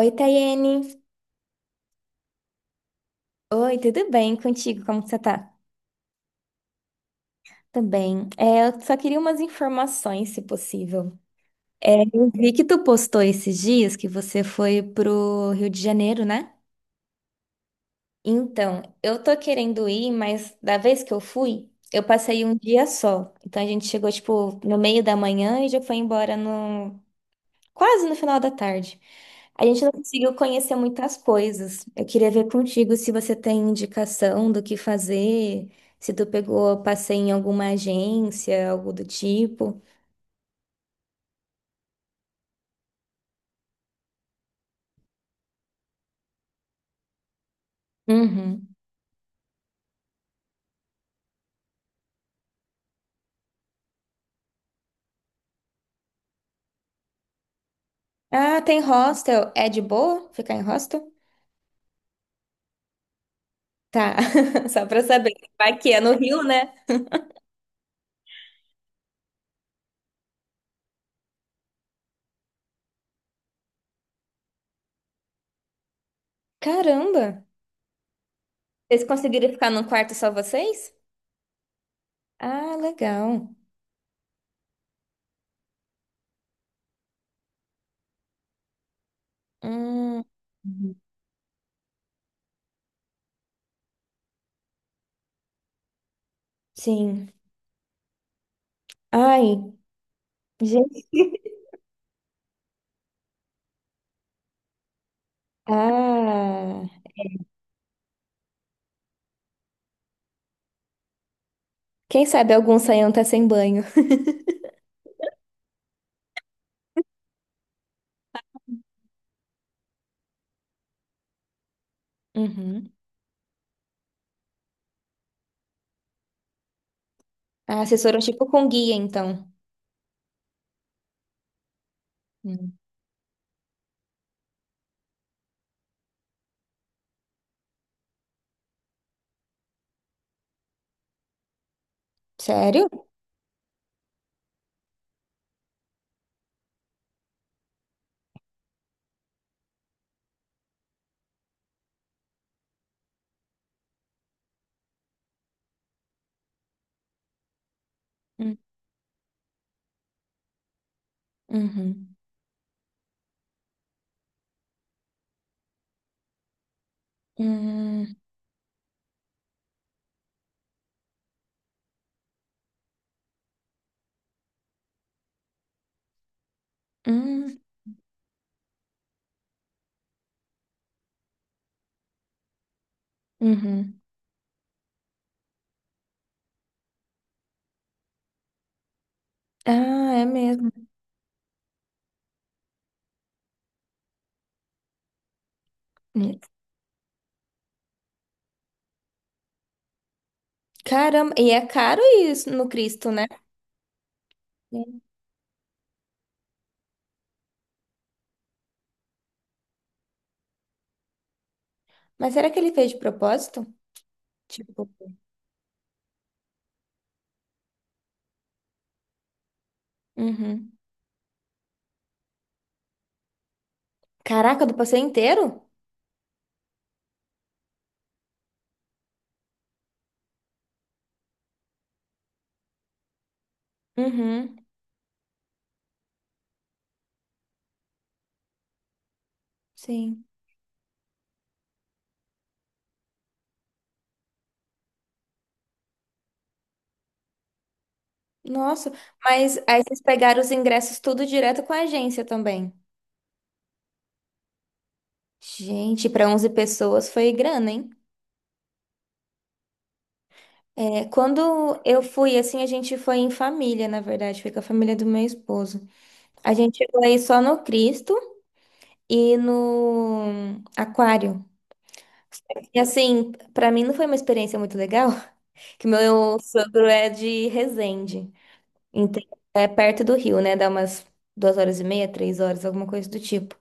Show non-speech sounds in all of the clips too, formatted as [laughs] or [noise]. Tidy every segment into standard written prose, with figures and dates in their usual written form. Oi, Tayene. Oi, tudo bem contigo? Como que você tá? Também. Eu só queria umas informações, se possível. Eu vi que tu postou esses dias que você foi pro Rio de Janeiro, né? Então, eu tô querendo ir, mas da vez que eu fui, eu passei um dia só. Então a gente chegou, tipo, no meio da manhã e já foi embora quase no final da tarde. A gente não conseguiu conhecer muitas coisas. Eu queria ver contigo se você tem indicação do que fazer, se tu pegou passeio em alguma agência, algo do tipo. Uhum. Ah, tem hostel. É de boa ficar em hostel? Tá, [laughs] só pra saber. Vai que é no Rio, né? Caramba! Vocês conseguiram ficar num quarto só vocês? Ah, legal. Hum, sim. Ai, gente. Ah, quem sabe algum saião tá sem banho. Uhum. Ah, assessoram tipo com guia, então. Hum. Sério? Hum, Uhum. Hum, hum, uhum. Ah, é mesmo. Hum. Caramba, e é caro isso no Cristo, né? Sim. Mas será que ele fez de propósito? Tipo, uhum. Caraca, do passeio inteiro? Uhum, sim. Nossa, mas aí vocês pegaram os ingressos tudo direto com a agência também. Gente, para 11 pessoas foi grana, hein? Quando eu fui, assim, a gente foi em família, na verdade, foi com a família do meu esposo. A gente chegou aí só no Cristo e no Aquário. E assim, pra mim não foi uma experiência muito legal, [laughs] que meu sogro é de Resende, então é perto do Rio, né? Dá umas 2 horas e meia, 3 horas, alguma coisa do tipo.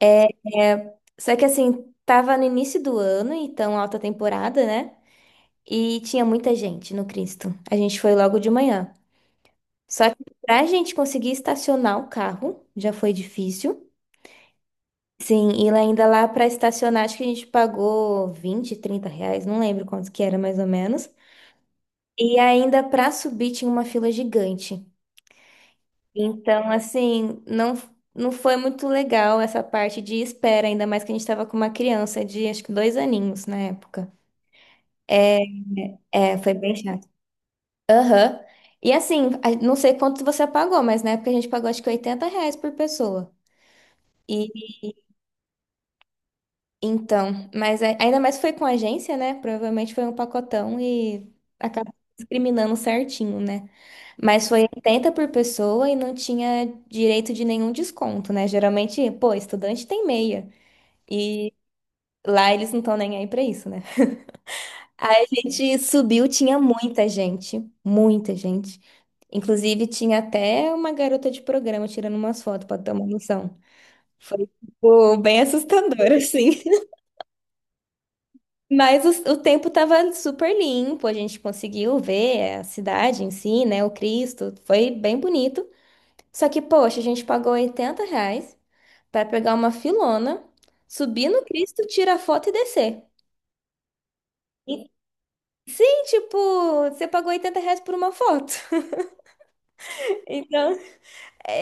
É, Só que assim, tava no início do ano, então alta temporada, né? E tinha muita gente no Cristo. A gente foi logo de manhã. Só que pra gente conseguir estacionar o carro, já foi difícil. Sim, e lá ainda lá para estacionar, acho que a gente pagou 20, 30 reais, não lembro quanto que era mais ou menos. E ainda para subir tinha uma fila gigante. Então, assim, não, não foi muito legal essa parte de espera, ainda mais que a gente estava com uma criança de acho que 2 aninhos na época. É, Foi bem chato. Aham. E assim, não sei quanto você pagou, mas na época a gente pagou acho que R$ 80 por pessoa. Então, mas ainda mais foi com a agência, né? Provavelmente foi um pacotão e acabou discriminando certinho, né? Mas foi 80 por pessoa e não tinha direito de nenhum desconto, né? Geralmente, pô, estudante tem meia. E lá eles não estão nem aí pra isso, né? Aí a gente subiu, tinha muita gente, muita gente. Inclusive, tinha até uma garota de programa tirando umas fotos pra ter uma noção. Foi, tipo, bem assustador, [laughs] assim. Mas o tempo estava super limpo, a gente conseguiu ver a cidade em si, né? O Cristo, foi bem bonito. Só que, poxa, a gente pagou R$ 80 para pegar uma filona, subir no Cristo, tirar foto e descer. E, sim, tipo, você pagou R$ 80 por uma foto. [laughs] Então,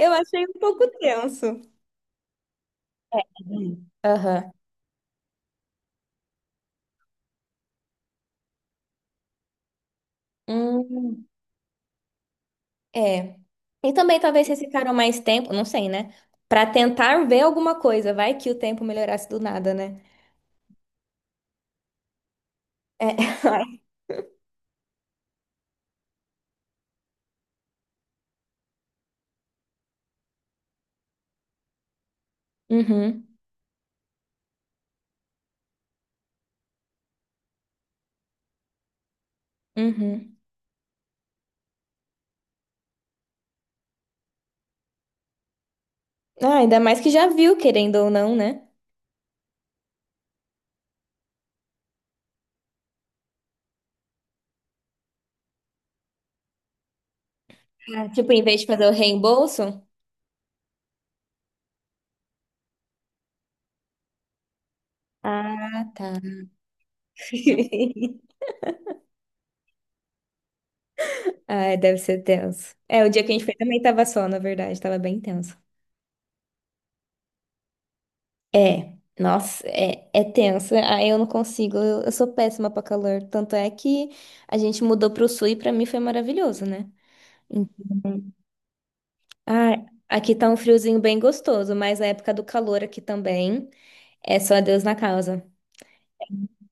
eu achei um pouco tenso. Hum. Aham. Hum, é. E também talvez vocês ficaram mais tempo, não sei, né? Para tentar ver alguma coisa, vai que o tempo melhorasse do nada, né? É. [laughs] Uhum, uhum. Ah, ainda mais que já viu, querendo ou não, né? Ah, tipo, em vez de fazer o reembolso. Ah, tá. [laughs] Ah, deve ser tenso. É, o dia que a gente foi também tava só, na verdade, tava bem tenso. É, nossa, é tenso. Ah, eu não consigo, eu sou péssima pra calor. Tanto é que a gente mudou pro sul e pra mim foi maravilhoso, né? Então, ah, aqui tá um friozinho bem gostoso, mas a época do calor aqui também é só Deus na causa.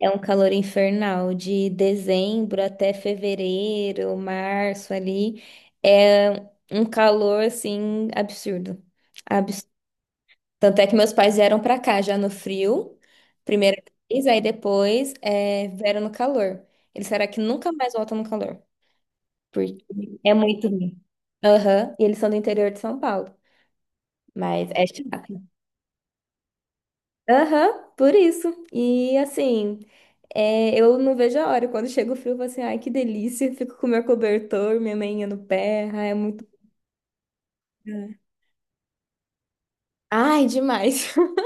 É um calor infernal de dezembro até fevereiro, março ali. É um calor assim absurdo. Abs- Tanto é que meus pais vieram pra cá já no frio, primeira vez, aí depois vieram no calor. Eles será que nunca mais voltam no calor, porque é muito ruim. Aham, e eles são do interior de São Paulo, mas é chato. Aham, por isso. E assim, eu não vejo a hora. Quando chega o frio, eu falo assim, ai, que delícia. Fico com meu cobertor, minha meinha no pé. Ai, é muito. Ai, demais. [laughs]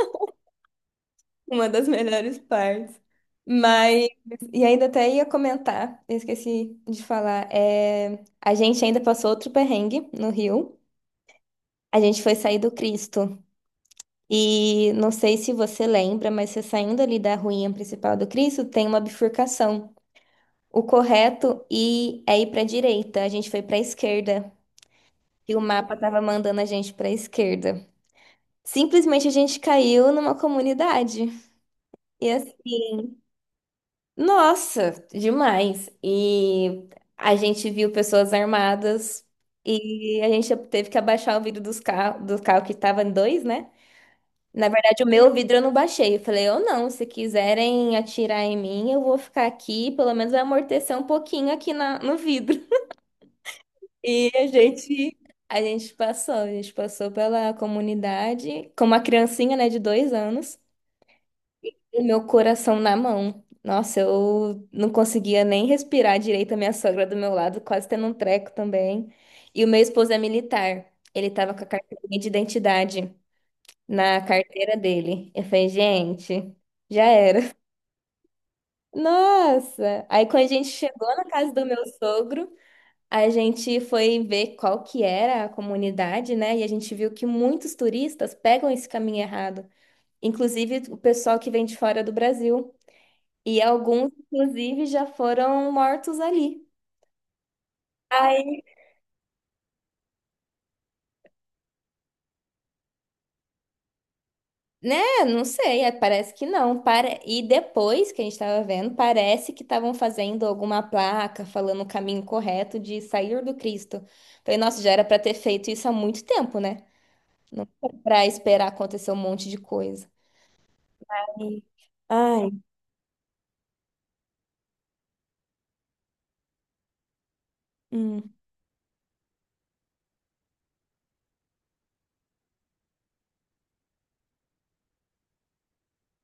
Uma das melhores partes. Mas, e ainda até ia comentar, eu esqueci de falar. A gente ainda passou outro perrengue no Rio. A gente foi sair do Cristo. E não sei se você lembra, mas você saindo ali da ruinha principal do Cristo, tem uma bifurcação. O correto e é ir para a direita. A gente foi para a esquerda e o mapa tava mandando a gente para a esquerda. Simplesmente a gente caiu numa comunidade. E assim, nossa, demais. E a gente viu pessoas armadas e a gente teve que abaixar o vidro dos carro, do carro que tava em dois, né? Na verdade, o meu vidro eu não baixei. Eu falei, eu não, se quiserem atirar em mim, eu vou ficar aqui, pelo menos vai amortecer um pouquinho aqui na, no vidro. E a gente passou pela comunidade com uma criancinha, né, de 2 anos, e meu coração na mão. Nossa, eu não conseguia nem respirar direito, a minha sogra do meu lado, quase tendo um treco também. E o meu esposo é militar, ele tava com a carteirinha de identidade na carteira dele. Eu falei, gente, já era. [laughs] Nossa! Aí quando a gente chegou na casa do meu sogro, a gente foi ver qual que era a comunidade, né? E a gente viu que muitos turistas pegam esse caminho errado, inclusive o pessoal que vem de fora do Brasil. E alguns, inclusive, já foram mortos ali. Aí, né? Não sei, parece que não. E depois que a gente estava vendo, parece que estavam fazendo alguma placa falando o caminho correto de sair do Cristo. Falei, nossa, já era para ter feito isso há muito tempo, né? Não para esperar acontecer um monte de coisa. Aí, ai, hum.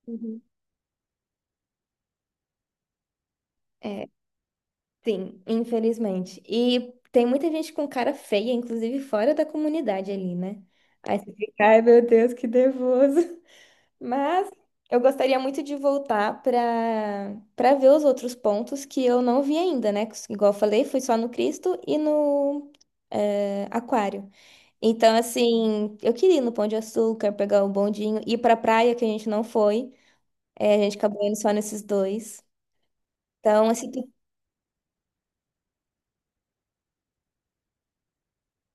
Uhum. É, sim, infelizmente. E tem muita gente com cara feia, inclusive fora da comunidade ali, né? Aí você fica, ai meu Deus, que nervoso. [laughs] Mas eu gostaria muito de voltar para ver os outros pontos que eu não vi ainda, né? Igual eu falei, fui só no Cristo e no Aquário. Então, assim, eu queria ir no Pão de Açúcar, pegar o bondinho, ir para praia que a gente não foi. É, a gente acabou indo só nesses dois. Então, assim,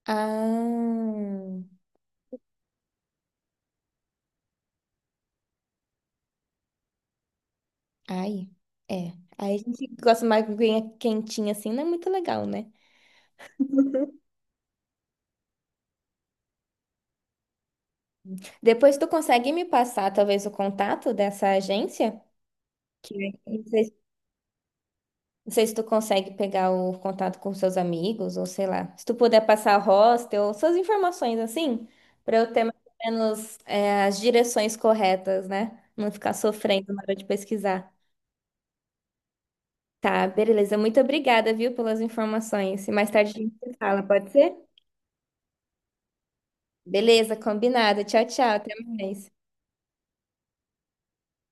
ah, ai, é. Aí a gente gosta mais de aguinha quentinha assim, não é muito legal, né? Depois tu consegue me passar talvez o contato dessa agência? Que não sei, não sei se tu consegue pegar o contato com seus amigos ou sei lá. Se tu puder passar o hostel, suas informações assim, pra eu ter mais ou menos as direções corretas, né? Não ficar sofrendo na hora de pesquisar. Tá, beleza. Muito obrigada, viu, pelas informações. E mais tarde a gente se fala, pode ser? Beleza, combinado. Tchau, tchau. Até mais.